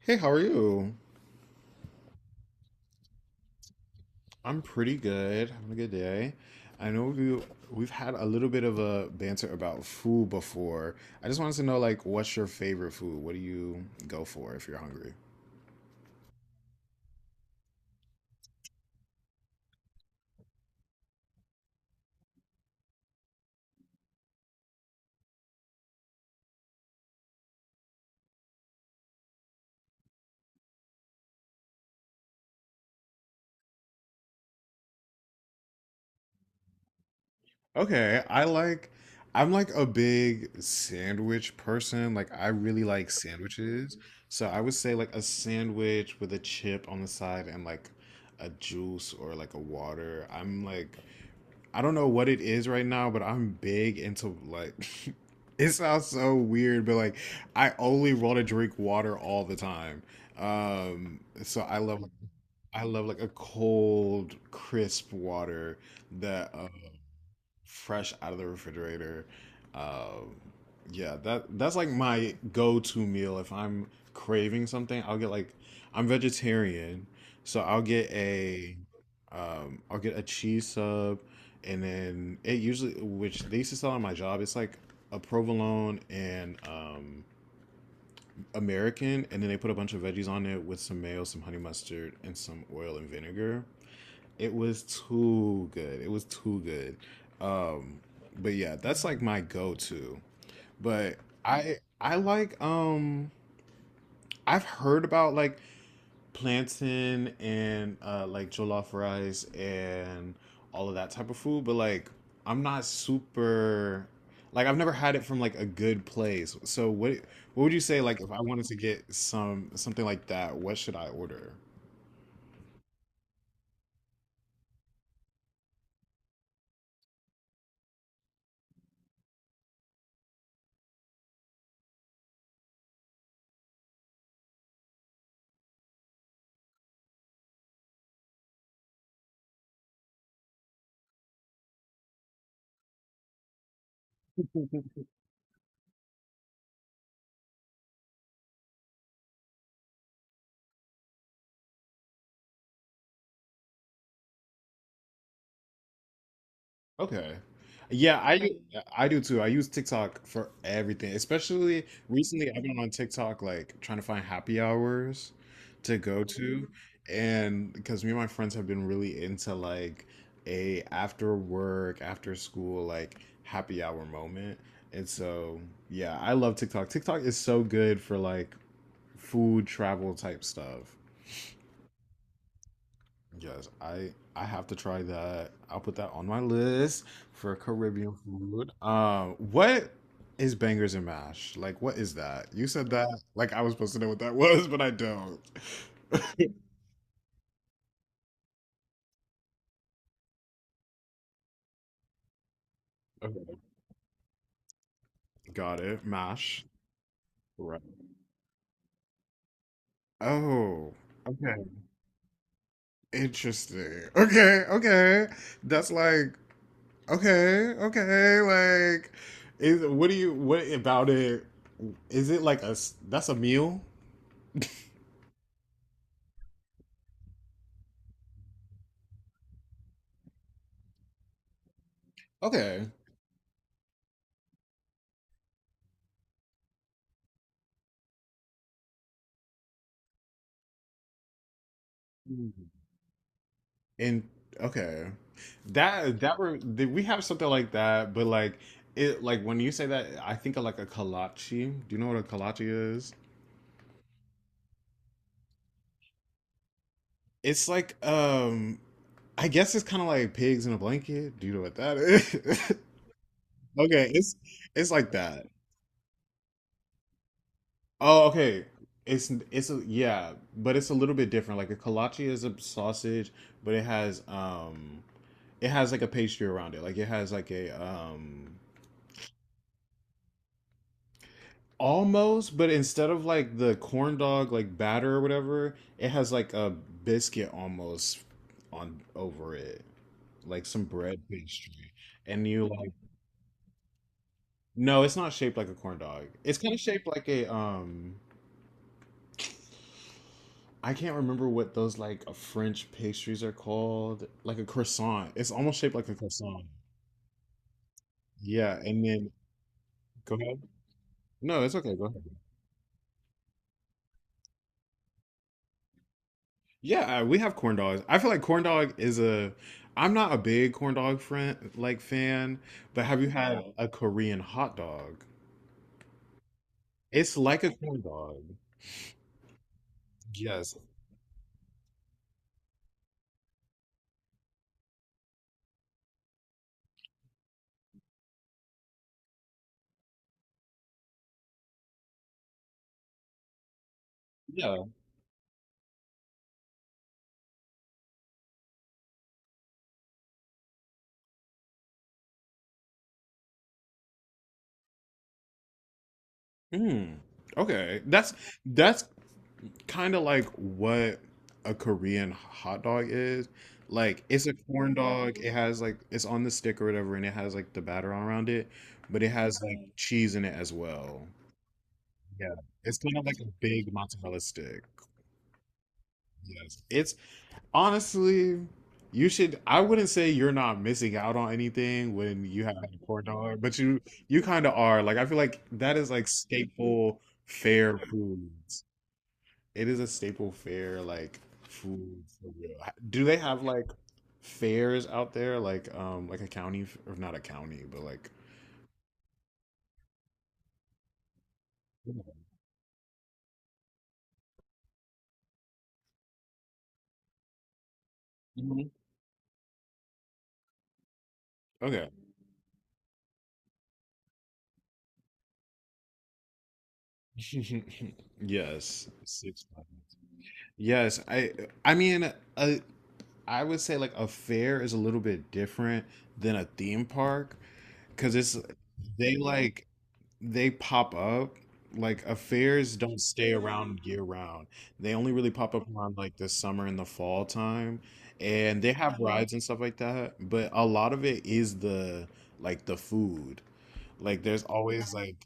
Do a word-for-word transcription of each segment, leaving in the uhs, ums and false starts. Hey, how are you? I'm pretty good. Having a good day. I know we we've had a little bit of a banter about food before. I just wanted to know like what's your favorite food? What do you go for if you're hungry? Okay, I like I'm like a big sandwich person. Like I really like sandwiches. So I would say like a sandwich with a chip on the side and like a juice or like a water. I'm like I don't know what it is right now, but I'm big into like it sounds so weird, but like I only want to drink water all the time. Um, so I love I love like a cold, crisp water that fresh out of the refrigerator. Um, yeah, that that's like my go-to meal if I'm craving something. I'll get like I'm vegetarian, so I'll get a um I'll get a cheese sub, and then it usually which they used to sell on my job, it's like a provolone and um American, and then they put a bunch of veggies on it with some mayo, some honey mustard, and some oil and vinegar. It was too good. It was too good. Um, but yeah, that's like my go-to. But I I like um I've heard about like plantain and uh like jollof rice and all of that type of food, but like I'm not super like I've never had it from like a good place. So what what would you say like if I wanted to get some something like that, what should I order? Okay. Yeah, I Like, I do too. I use TikTok for everything. Especially recently, I've been on TikTok like trying to find happy hours to go to, and because me and my friends have been really into like a after work, after school like happy hour moment. And so, yeah, I love TikTok. TikTok is so good for like food travel type stuff. Yes, I I have to try that. I'll put that on my list for Caribbean food. Um, what is bangers and mash? Like, what is that? You said that like I was supposed to know what that was, but I don't. Okay. Got it. Mash. Right. Oh, okay. Interesting. Okay, okay. That's like okay, okay. Like, is what do you what about it? Is it like a s- that's a meal? Okay. And okay, that that were did we have something like that? But like it, like when you say that, I think of like a kolache. Do you know what a kolache is? It's like um, I guess it's kind of like pigs in a blanket. Do you know what that is? Okay, it's it's like that. Oh, okay. It's it's a, yeah, but it's a little bit different. Like a kolache is a sausage, but it has um it has like a pastry around it. Like it has like a um almost, but instead of like the corn dog like batter or whatever, it has like a biscuit almost on over it, like some bread pastry, and you like no, it's not shaped like a corn dog. It's kind of shaped like a um. I can't remember what those like French pastries are called, like a croissant. It's almost shaped like a croissant. Yeah, and then go ahead. No, it's okay. Go ahead. Yeah, uh, we have corn dogs. I feel like corn dog is a. I'm not a big corn dog friend like fan, but have you had a Korean hot dog? It's like a corn dog. Yes. Yeah. Mm. Okay. That's that's kind of like what a Korean hot dog is. Like it's a corn dog. It has like it's on the stick or whatever, and it has like the batter around it, but it has like cheese in it as well. Yeah. It's kind of like a big mozzarella stick. Yes. It's honestly, you should. I wouldn't say you're not missing out on anything when you have a four dollar, but you you kind of are. Like I feel like that is like staple fair foods. It is a staple fair like food for real. Do they have like fairs out there? Like um like a county f- or not a county, but like mhm. Okay. Yes, six. Yes, I I mean, uh, I would say like a fair is a little bit different than a theme park because it's they like they pop up like affairs don't stay around year round. They only really pop up around like the summer and the fall time, and they have rides and stuff like that. But a lot of it is the like the food. Like there's always like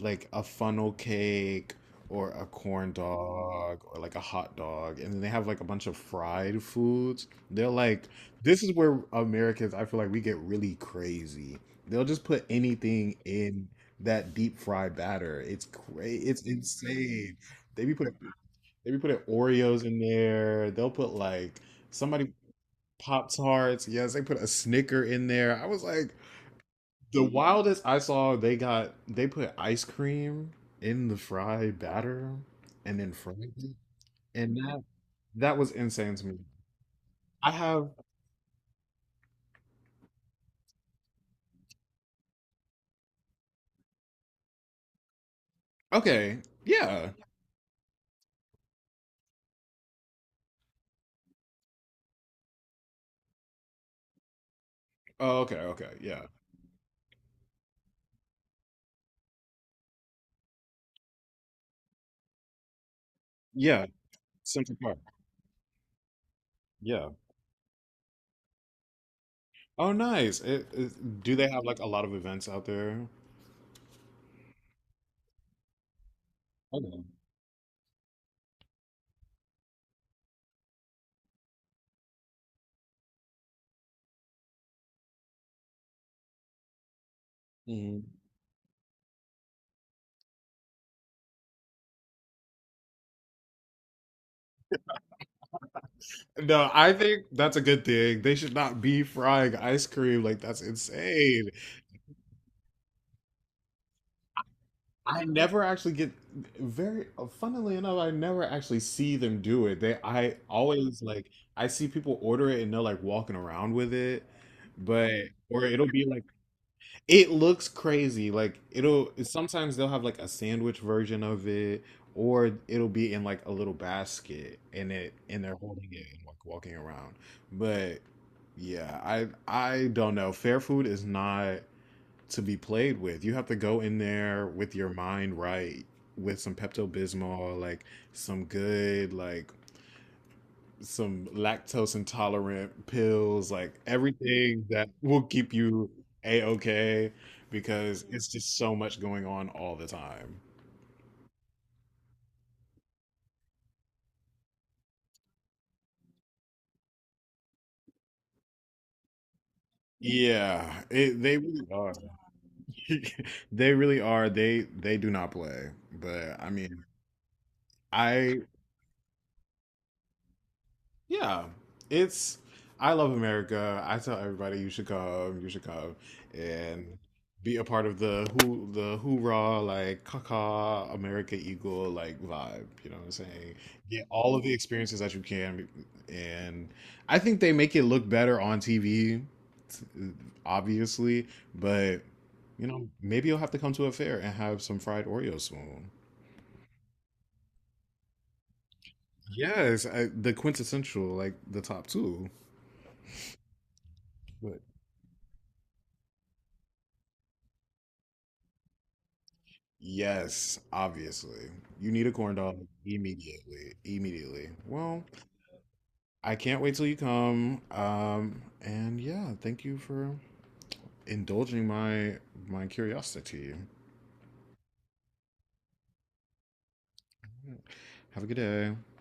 like a funnel cake or a corn dog or like a hot dog, and then they have like a bunch of fried foods. They're like, this is where Americans, I feel like, we get really crazy. They'll just put anything in that deep fried batter. It's cra- it's insane. They be putting they be putting Oreos in there. They'll put like somebody Pop Tarts. Yes, they put a Snicker in there. I was like, the wildest I saw, they got they put ice cream in the fry batter and then fried it. And that that was insane to me. I have okay, yeah, oh, okay, okay, yeah, yeah, Central Park, yeah. Oh, nice. It, it- do they have like a lot of events out there? Okay. Mhm. No, I think that's a good thing. They should not be frying ice cream. Like that's insane. I never actually get very funnily enough, I never actually see them do it. They I always like I see people order it and they're like walking around with it. But or it'll be like, it looks crazy. Like it'll sometimes they'll have like a sandwich version of it, or it'll be in like a little basket and it and they're holding it and like walking around. But yeah, I I don't know. Fair food is not to be played with. You have to go in there with your mind right, with some Pepto Bismol, like some good, like some lactose intolerant pills, like everything that will keep you a okay because it's just so much going on all the time. Yeah, it, they really are. They really are. They they do not play. But I mean, I yeah, it's I love America. I tell everybody you should come, you should come and be a part of the who the hoorah like caca America Eagle like vibe. You know what I'm saying? Get all of the experiences that you can, and I think they make it look better on T V, obviously. But you know, maybe you'll have to come to a fair and have some fried Oreos soon. Yes, I, the quintessential like the top two. Yes, obviously. You need a corn dog immediately. Immediately. Well, I can't wait till you come. Um, and yeah, thank you for indulging my my curiosity. Have a good day.